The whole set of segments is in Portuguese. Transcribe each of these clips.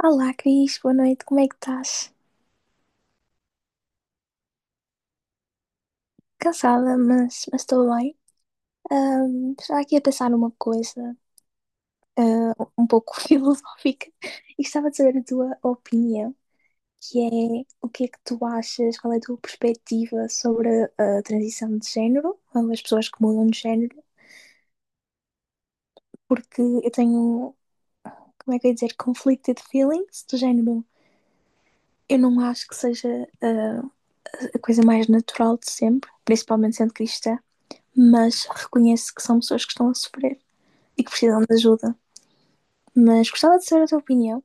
Olá, Cris, boa noite, como é que estás? Cansada, mas estou bem. Estava aqui a pensar numa coisa, um pouco filosófica e gostava de saber a tua opinião, que é o que é que tu achas, qual é a tua perspectiva sobre a transição de género, ou as pessoas que mudam de género, porque eu tenho, como é que eu ia dizer, conflicted feelings do género. Eu não acho que seja a coisa mais natural de sempre, principalmente sendo cristã. Mas reconheço que são pessoas que estão a sofrer e que precisam de ajuda. Mas gostava de saber a tua opinião.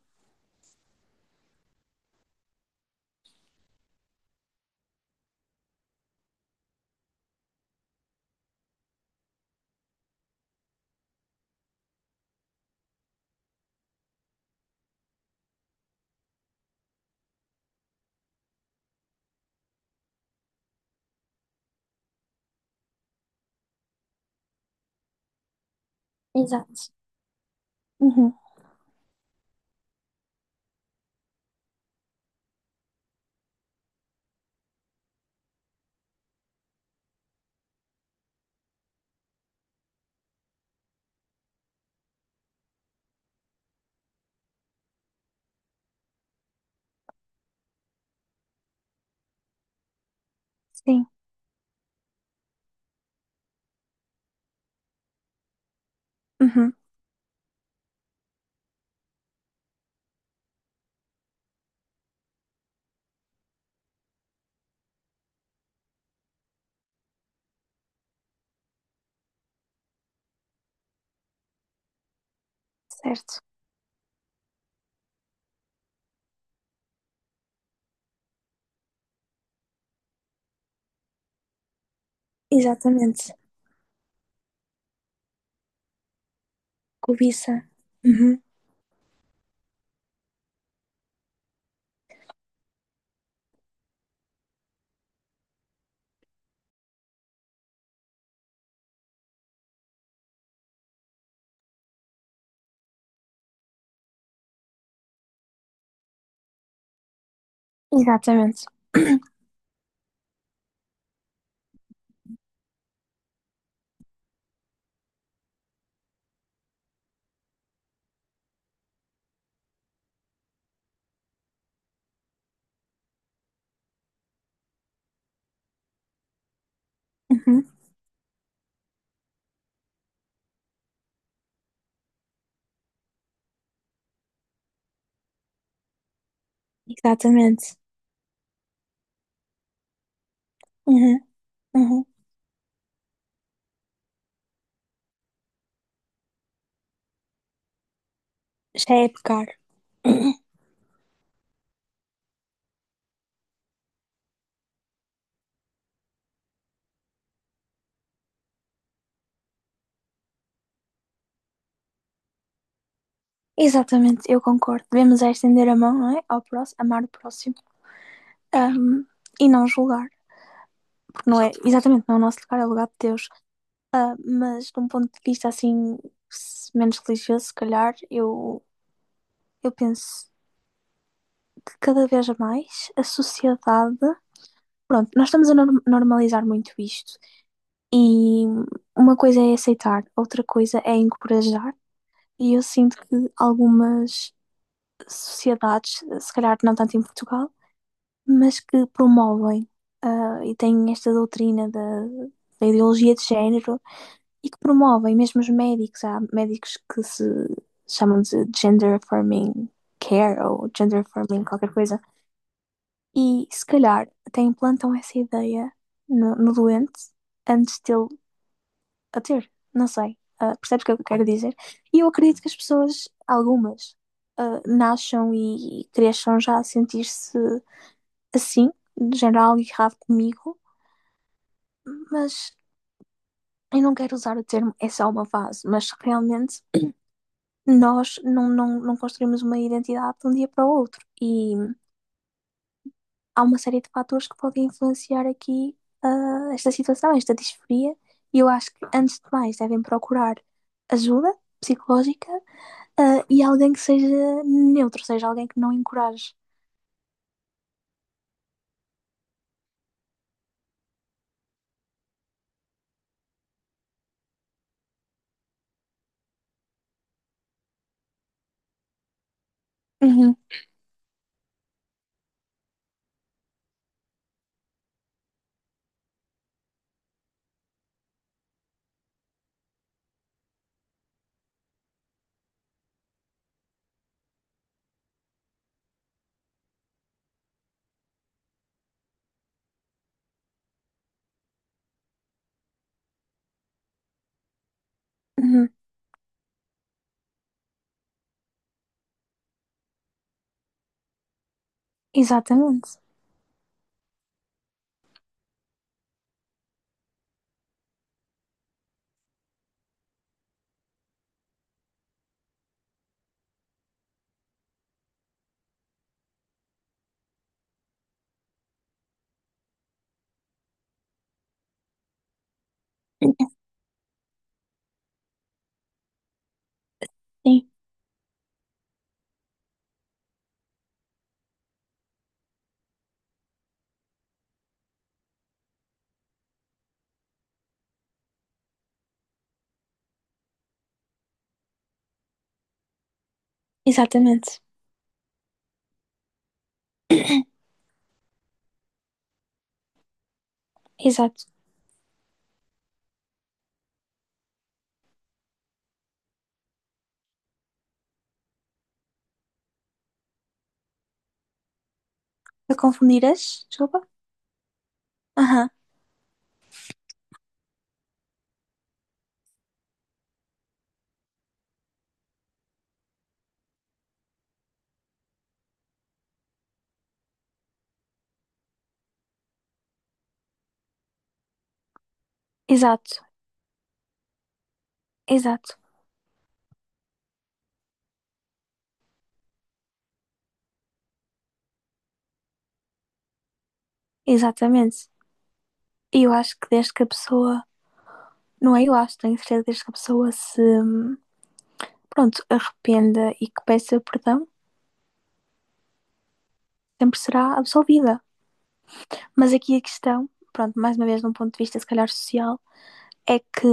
Exato. Uhum. Sim. Uhum. Certo. Exatamente. Cobiça. Uhum. Exatamente. Uhum. Exatamente. Uhum. Uhum. Já é pecar. Uhum. Exatamente, eu concordo. Devemos é estender a mão, não é? Ao próximo, amar o próximo. Ahm, e não julgar. Porque não é, exatamente, não é o nosso lugar, é o lugar de Deus. Ah, mas de um ponto de vista assim, menos religioso, se calhar, eu penso que cada vez mais a sociedade. Pronto, nós estamos a normalizar muito isto. E uma coisa é aceitar, outra coisa é encorajar. E eu sinto que algumas sociedades, se calhar não tanto em Portugal, mas que promovem e têm esta doutrina da, da ideologia de género e que promovem mesmo os médicos. Há médicos que se chamam de gender affirming care ou gender affirming qualquer coisa. E se calhar até implantam essa ideia no, no doente antes dele a ter. Não sei. Percebes o que eu quero dizer? E eu acredito que as pessoas, algumas, nasçam e cresçam já a sentir-se assim, de género algo errado comigo, mas eu não quero usar o termo é só uma fase, mas realmente nós não construímos uma identidade de um dia para o outro. E há uma série de fatores que podem influenciar aqui esta situação, esta disforia. E eu acho que, antes de mais, devem procurar ajuda psicológica, e alguém que seja neutro, ou seja, alguém que não encoraje. Uhum, uhum. Exatamente. Sim, exatamente. Exato. A confundir as, desculpa? Aham. Exato, exato, exatamente. E eu acho que desde que a pessoa, não é eu acho, tenho certeza, desde que a pessoa se, pronto, arrependa e que peça perdão, sempre será absolvida. Mas aqui a questão, pronto, mais uma vez, num ponto de vista se calhar social, é que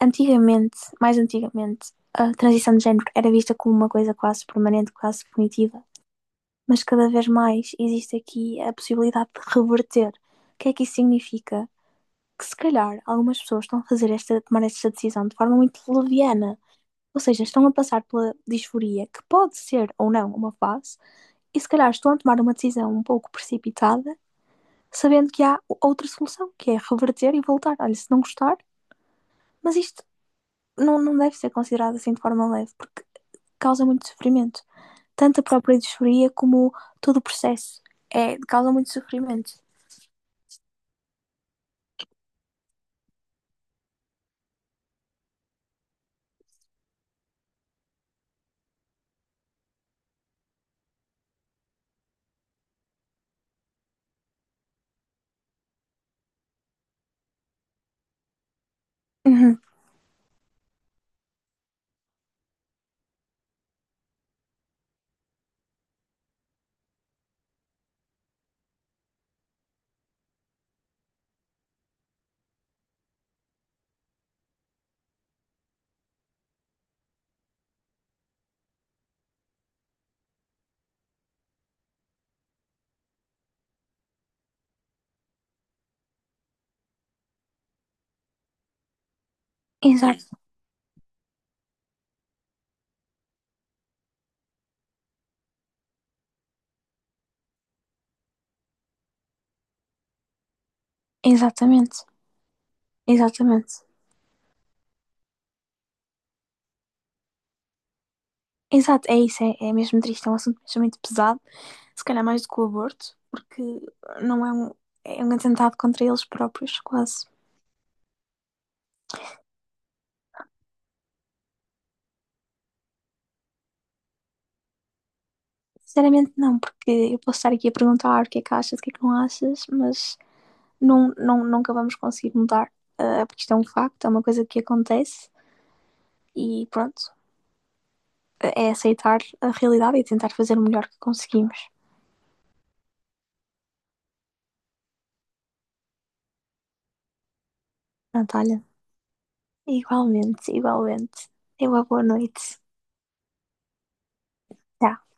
antigamente, mais antigamente, a transição de género era vista como uma coisa quase permanente, quase definitiva, mas cada vez mais existe aqui a possibilidade de reverter. O que é que isso significa? Que se calhar algumas pessoas estão a fazer esta, a tomar esta decisão de forma muito leviana, ou seja, estão a passar pela disforia, que pode ser ou não uma fase, e se calhar estão a tomar uma decisão um pouco precipitada sabendo que há outra solução, que é reverter e voltar. Olha, se não gostar, mas isto não deve ser considerado assim de forma leve, porque causa muito sofrimento. Tanto a própria disforia como todo o processo. É, causa muito sofrimento. Uhum. Exato. Exatamente. Exatamente. Exato, é isso, é, é mesmo triste, é um assunto mesmo muito pesado, se calhar mais do que o aborto, porque não é um, é um atentado contra eles próprios, quase. Sinceramente não, porque eu posso estar aqui a perguntar o que é que achas, o que é que não achas, mas nunca vamos conseguir mudar, porque isto é um facto, é uma coisa que acontece e pronto, é é aceitar a realidade e tentar fazer o melhor que conseguimos. Natália, igualmente, igualmente. Tenha uma boa noite. Tchau.